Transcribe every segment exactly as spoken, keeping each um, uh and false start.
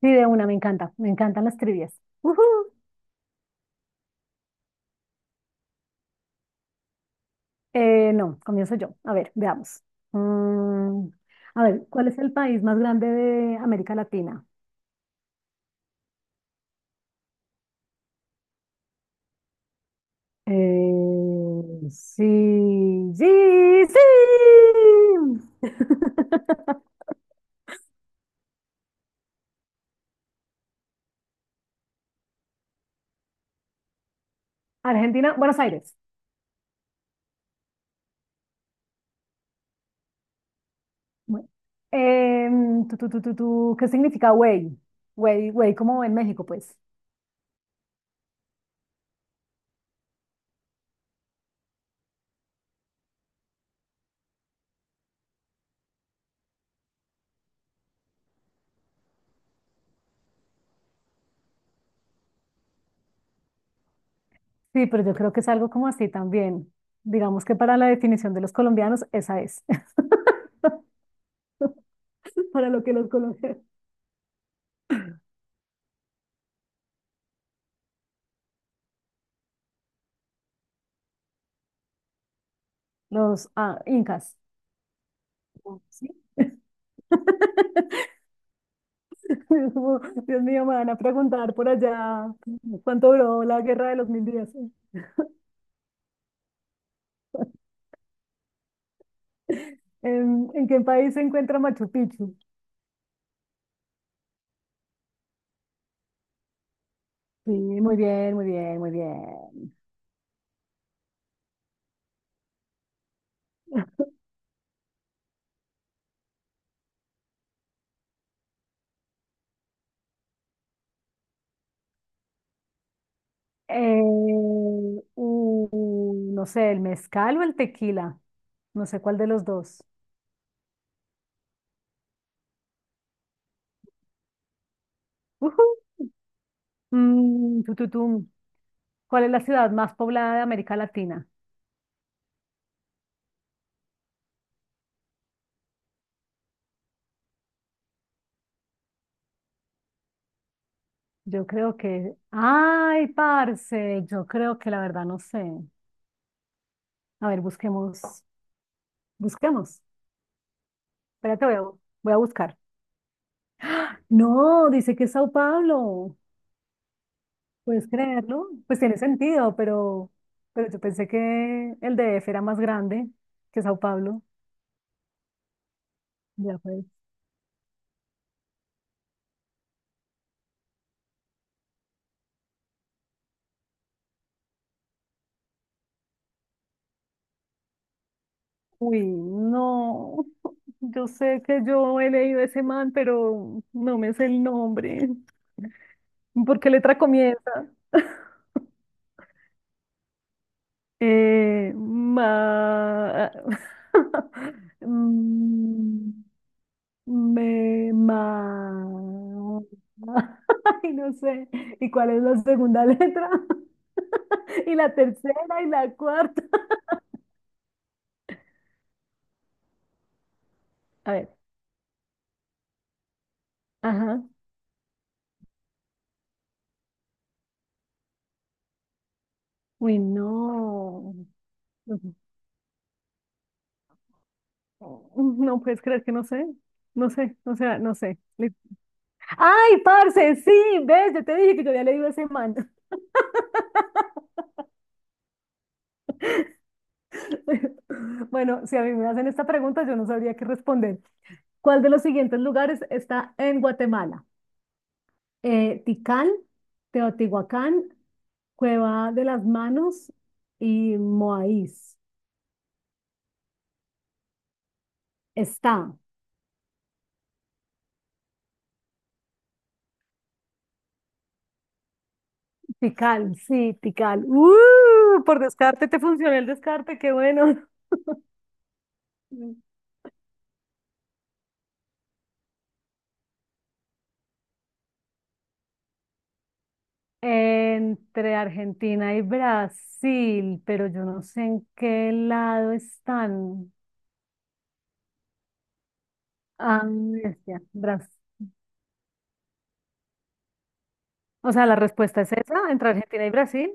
Sí, de una, me encanta, me encantan las trivias. Ujú. Eh, no, comienzo yo. A ver, veamos. Mm, a ver, ¿cuál es el país más grande de América Latina? Eh, sí, sí, sí. Argentina, Buenos Aires. Bueno. Em, tu, tu, tu, tu, tu, ¿qué significa güey? Güey, güey, como en México, pues. Sí, pero yo creo que es algo como así también. Digamos que para la definición de los colombianos, esa es. Para lo que los colombianos. Los ah, incas. ¿Sí? Es como, Dios mío, me van a preguntar por allá cuánto duró la guerra de los mil días. ¿En, en qué país se encuentra Machu Picchu? Sí, muy bien, muy bien, muy bien. Eh, uh, no sé, ¿el mezcal o el tequila? No sé cuál de los dos. Ujú. Mm, tu, tu, tum. ¿Cuál es la ciudad más poblada de América Latina? Yo creo que... Ay, parce, yo creo que la verdad no sé. A ver, busquemos. Busquemos. Espérate, voy a, bu- voy a buscar. No, dice que es Sao Paulo. ¿Puedes creerlo? Pues tiene sentido, pero, pero yo pensé que el D F era más grande que Sao Paulo. Ya pues. Uy, no. Yo sé que yo he leído ese man, pero no me sé el nombre. ¿Por qué letra comienza? Eh, ma... Mm, me ma... Ay, no sé. ¿Y cuál es la segunda letra? Y la tercera y la cuarta. A ver. Ajá. Uy, no. No puedes creer que no sé. No sé, o sea, no sé. Li- ¡Ay, parce! Sí, ves, yo te dije que yo había leído ese man. Bueno, si a mí me hacen esta pregunta, yo no sabría qué responder. ¿Cuál de los siguientes lugares está en Guatemala? eh, Ticán, Teotihuacán, Cueva de las Manos y Moáis. Está. Tikal, sí, Tikal. ¡Uh! Por descarte te funcionó el descarte, qué bueno. Entre Argentina y Brasil, pero yo no sé en qué lado están. Ah, bestia, Brasil. O sea, la respuesta es esa, entre Argentina y Brasil.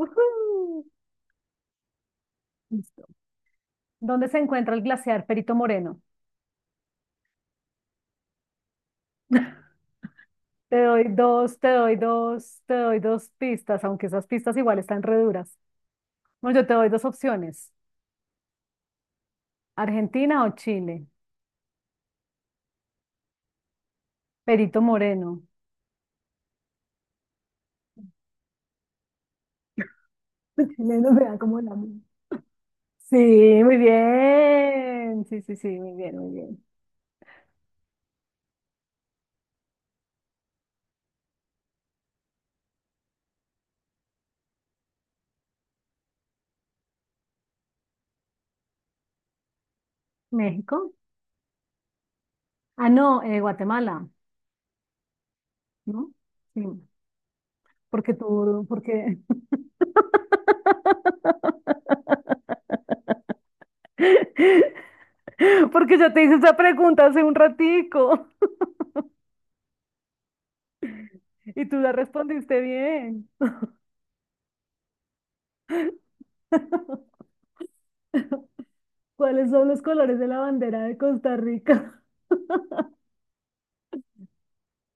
Ujú. Listo. ¿Dónde se encuentra el glaciar Perito Moreno? Te doy dos, te doy dos, te doy dos pistas, aunque esas pistas igual están re duras. Bueno, yo te doy dos opciones, Argentina o Chile. Perito Moreno. Los chilenos me dan como la misma. Sí, muy bien. Sí, sí, sí, muy bien, muy bien. México. Ah, no, eh, Guatemala, ¿no? Sí, porque tú, porque... Porque yo te hice esa pregunta hace un ratico. Y tú la respondiste bien. ¿Cuáles son los colores de la bandera de Costa Rica?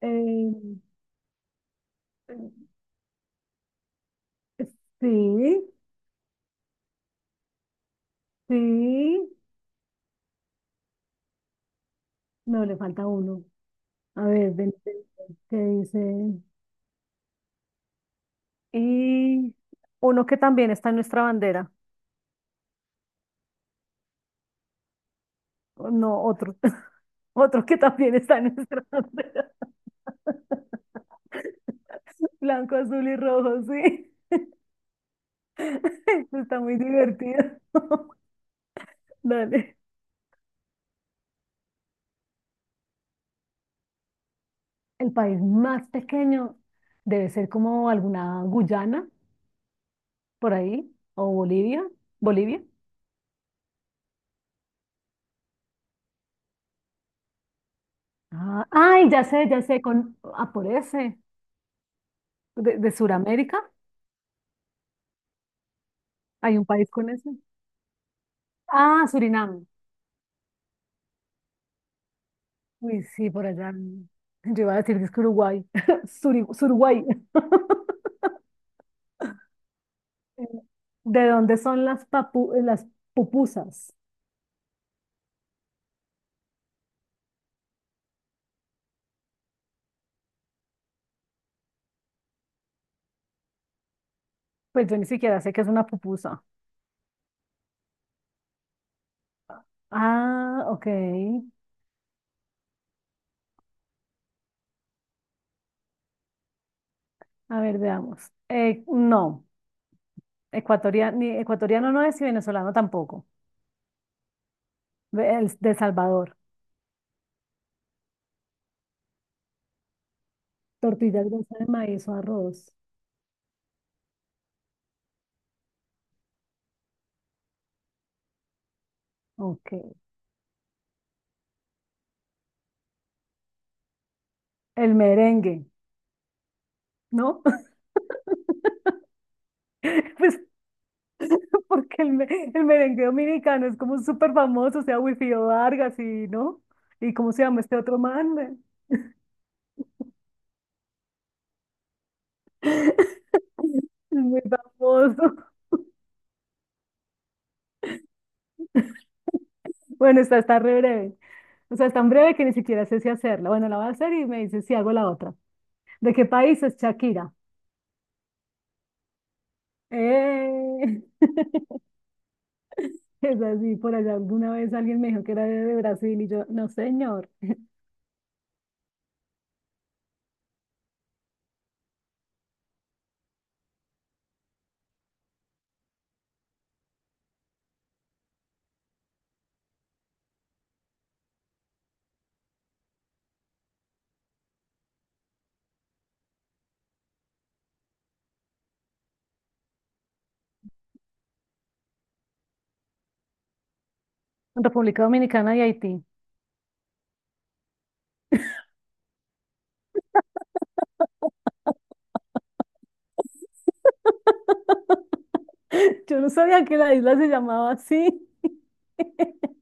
Eh, sí, sí. No, le falta uno. A ver, ven, ven, ven, ¿qué dice? Y uno que también está en nuestra bandera. O no, otro. Otro que también está en nuestra bandera. Blanco, azul y rojo, sí. Está muy divertido. Dale. El país más pequeño debe ser como alguna Guyana, por ahí, o Bolivia. Bolivia. Ah, ay, ya sé, ya sé, con, ah, por ese, de, de Sudamérica. Hay un país con ese. Ah, Surinam. Uy, sí, por allá. Yo iba a decir que es que Uruguay. Suri- Suruguay. ¿De dónde son las, papu- eh, las pupusas? Pues yo ni siquiera sé qué es una pupusa. Ah, ok. A ver, veamos. Eh, no. Ecuatoriano, ni ecuatoriano no es y venezolano tampoco. Ve- El de Salvador. Tortillas de de maíz o arroz. Ok. El merengue, ¿no? Pues porque el, me- el merengue dominicano es como súper famoso, o sea, Wilfrido Vargas y, ¿no? ¿Y cómo se llama este otro man? Es muy famoso. Bueno, esta está re breve. O sea, es tan breve que ni siquiera sé si hacerla. Bueno, la voy a hacer y me dice si hago la otra. ¿De qué país es Shakira? ¡Eh! Es así, por allá alguna vez alguien me dijo que era de Brasil y yo, no señor, República Dominicana y Haití. Yo no sabía que la isla se llamaba así,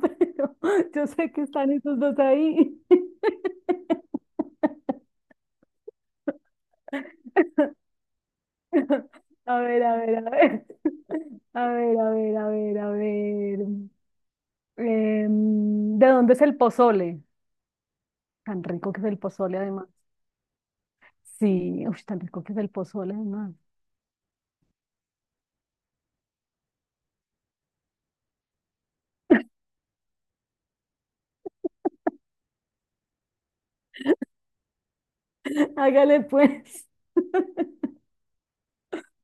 pero yo sé que están esos dos ahí. A ver, a ver, a ver, a ver, a ver, a ver, a ver. Em, ¿de dónde es el pozole? Tan rico que es el pozole además. Sí, uy, tan rico que es el pozole además. Hágale pues.